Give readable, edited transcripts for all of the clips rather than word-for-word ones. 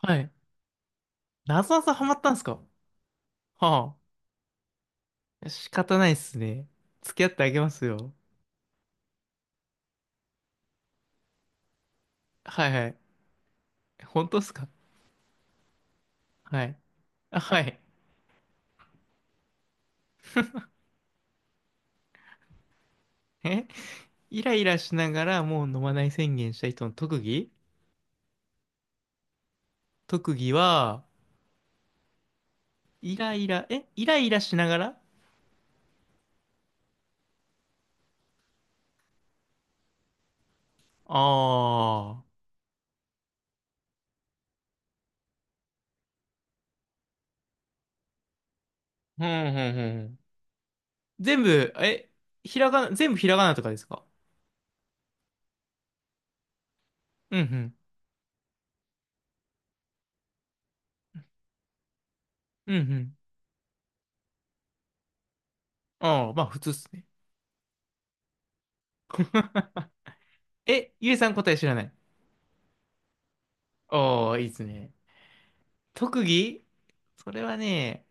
はい。なぞなぞハマったんすか？はあ。仕方ないっすね。付き合ってあげますよ。はいはい。本当っすか？はい。あ、はい。えイライラしながら、もう飲まない宣言した人の特技？特技は、イライラ、イライラしながら。ああー。うんうんうん。全部、え、ひらがな、全部ひらがなとかですか？うんうん。うんうん。ああ、まあ普通っすね。え、ゆえさん答え知らない？ああ、いいっすね。特技、それはね、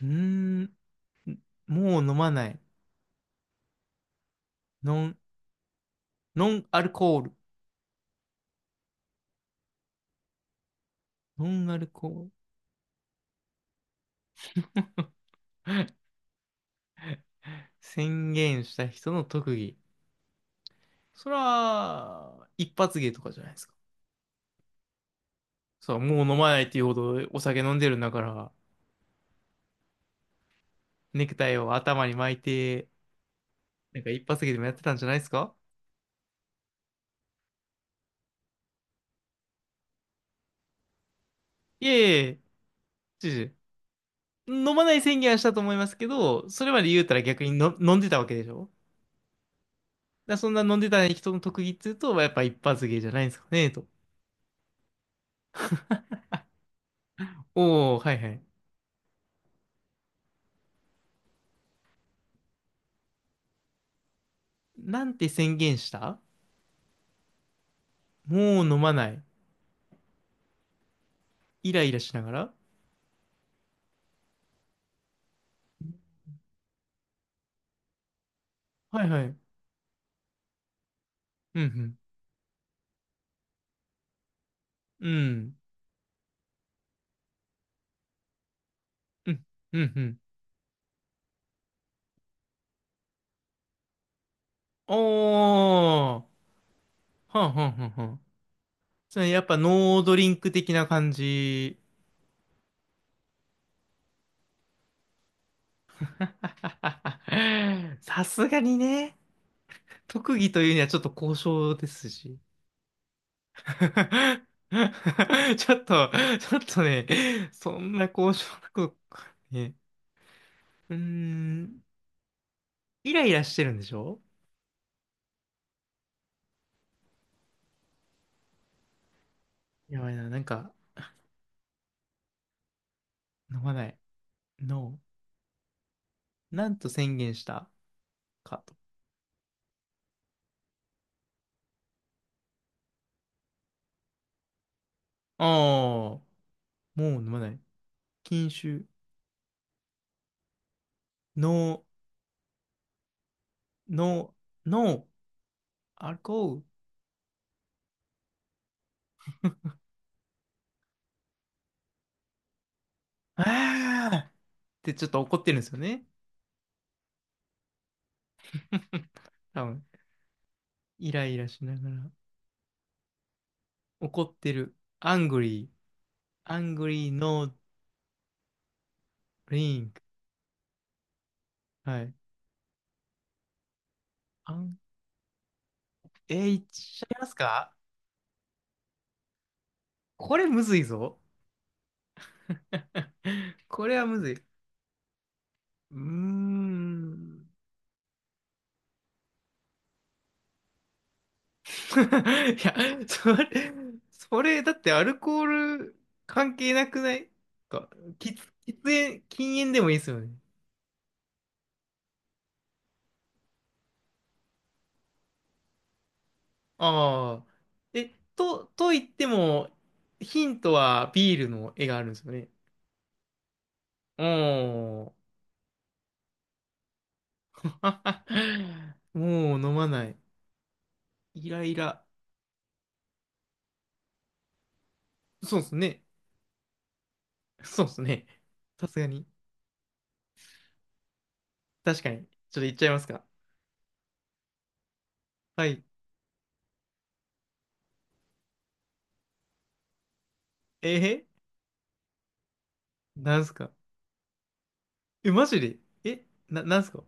うーん、もう飲まない。ノン、ノンアルコール。ノンアルコール。宣言した人の特技。それは、一発芸とかじゃないですか。そう、もう飲まないっていうほどお酒飲んでるんだから、ネクタイを頭に巻いて、なんか一発芸でもやってたんじゃないですか？いえ、いえ、知事。飲まない宣言はしたと思いますけど、それまで言うたら逆にの飲んでたわけでしょ？だからそんな飲んでた人の特技っていうと、やっぱ一発芸じゃないんですかね、と。おお、はいはい。なんて宣言した？もう飲まない。イライラしながら。はいはい。うん、うん。うん、うん、うん。おー。はんはんはんはん。それやっぱノードリンク的な感じ。さすがにね。特技というにはちょっと交渉ですし。ちょっと、ちょっとね、そんな交渉なこと、ね。うーん、イライラしてるんでしょ？やばいな、なんか、飲まない。No。なんと宣言したかと。ああ、もう飲まない。禁酒。No、No、No、アルコール。ああ、ってちょっと怒ってるんですよね。多分、イライラしながら。怒ってる。Angry、Angry、No、Drink。はい。あん、えー、いっちゃいますか？これむずいぞ。これはむずい。うーん。いや、それ、それ、だってアルコール関係なくない？か、喫、喫煙、禁煙でもいいですよね。ああ。え、と、と言っても、ヒントはビールの絵があるんですよね。おー。もう飲まない。イライラ。そうですね。そうですね。さすがに。確かに。ちょっと言っちゃいますか。はい。えなんすか？え、マジで？え、な、なんすか？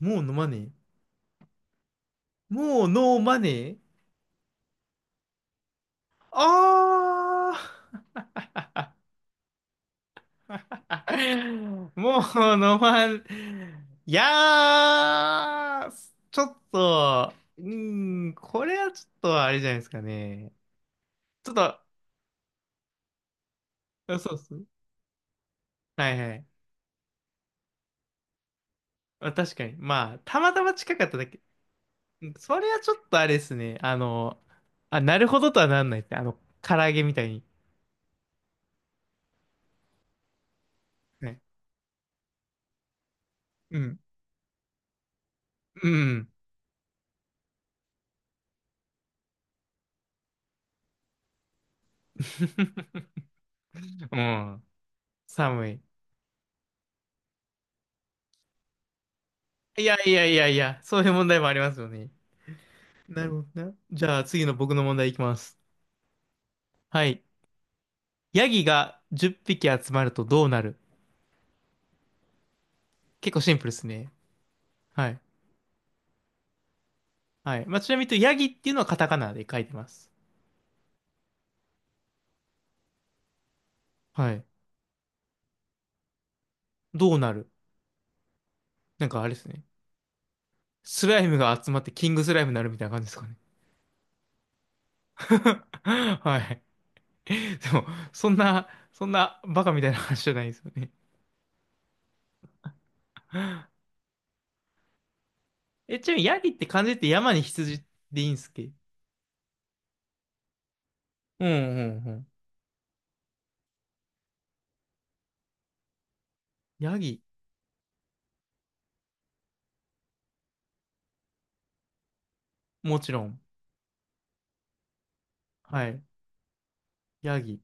もう飲まねえ。もうノーマネー？ああー、 もうノーマネー。いやー、ちょっと、うーん、これはちょっとあれじゃないですかね。ちょっと、そうっす。はいはい。あ、確かに。まあ、たまたま近かっただけ。うん、それはちょっとあれですね。あの、あ、なるほどとはなんないって。あの、唐揚げみたいに。はい。うん。うん。うん。寒い。いやいやいやいや、そういう問題もありますよね。なるほどな。じゃあ次の僕の問題いきます。はい。ヤギが10匹集まるとどうなる？結構シンプルですね。はい。はい。まあ、ちなみに言うとヤギっていうのはカタカナで書いてます。はい。どうなる？なんかあれですね。スライムが集まってキングスライムになるみたいな感じですかね。はい。でも、そんな、バカみたいな話じゃないですよね。え、ちなみにヤギって漢字って山に羊でいいんすっけ？うんうんうん。ヤギ、もちろん。はい。ヤギ、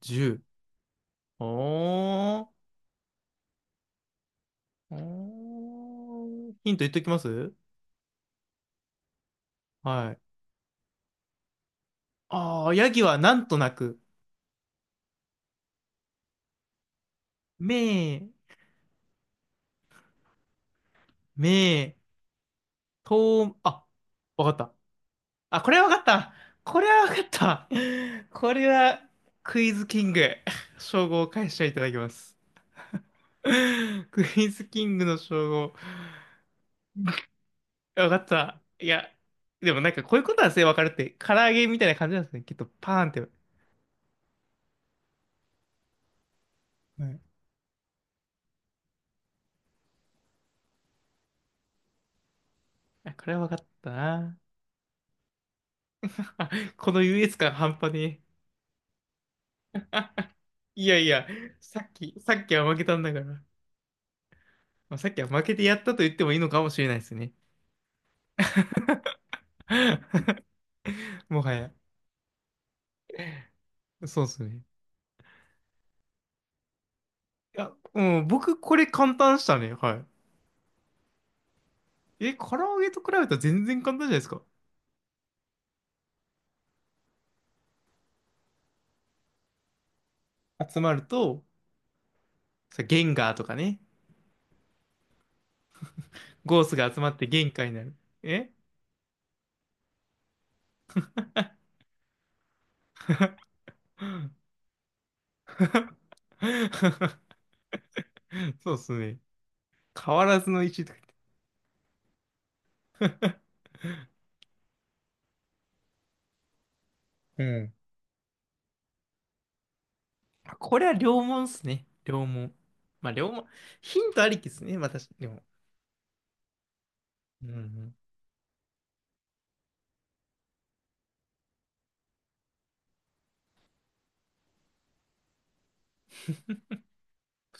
10。おー。おー、ヒント言っときます。はい。ああ、ヤギはなんとなく、めー、めー、とー、あ、わかった。あ、これはわかった。これはわかった。これはクイズキング。称号を返していただきます。クイズキングの称号。わかった。いや、でもなんかこういうことはすねわかるって、唐揚げみたいな感じなんですね。きっとパーンって。はい。あ、これは分かったな。あ、この優越感半端ねえ。いやいや、さっき、さっきは負けたんだから。まあ、さっきは負けてやったと言ってもいいのかもしれないですね。もはや。そうですね。いや、僕これ簡単でしたね。はい。え、唐揚げと比べたら全然簡単じゃないですか。集まると、さ、ゲンガーとかね。ゴースが集まって限界になる。え、 そうですね。変わらずの石とか言って。うん、これは両門っすね。両門。まあ、両門。ヒントありきっすね。また、確かでも。うんうん。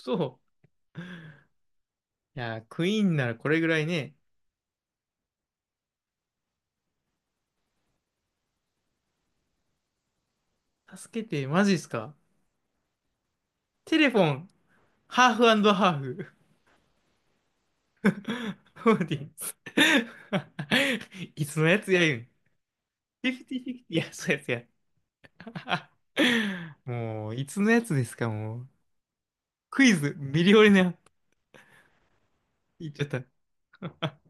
そう。いやー、クイーンならこれぐらいね。助けて、マジっすか。テレフォン、ハーフハーフ。オーディエンス。いつのやつや言うん。フィフティフィフティ。いや、そうやつや。もう、いつのやつですか、もう。クイズ、ミリオネア。言っちゃった。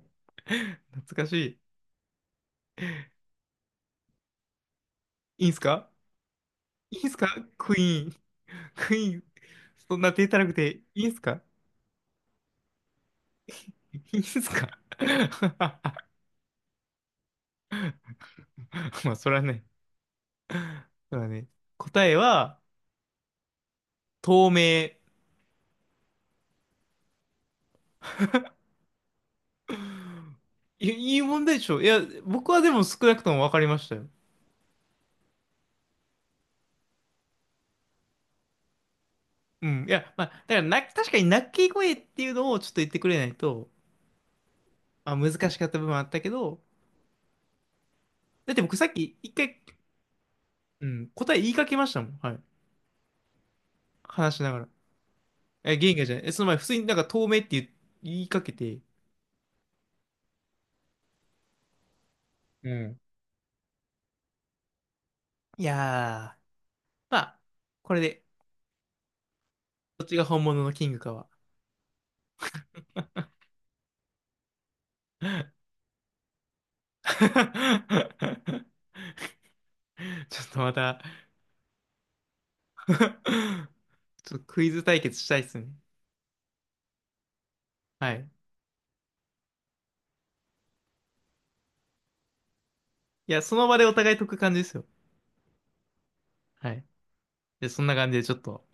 懐かしい。いいんすか？いいんすか？クイーン。クイーン、そんな手たらくていいんすか？いいんすか？ まあ、それはね、それはね、答えは、透明。いいい問題でしょ？いや、僕はでも少なくとも分かりましたよ。うん。いや、まあ、だからな、確かに鳴き声っていうのをちょっと言ってくれないと、まあ、難しかった部分はあったけど、だって僕さっき一回、うん、答え言いかけましたもん。はい。話しながら。え、ゲンガじゃない。え、その前、普通になんか透明って言いかけて、うん。いやー、まあ、これで、どっちが本物のキングかは。ちょっとまた、 ちょっとクイズ対決したいっすね。はい。いや、その場でお互い解く感じですよ。はい。で、そんな感じでちょっと。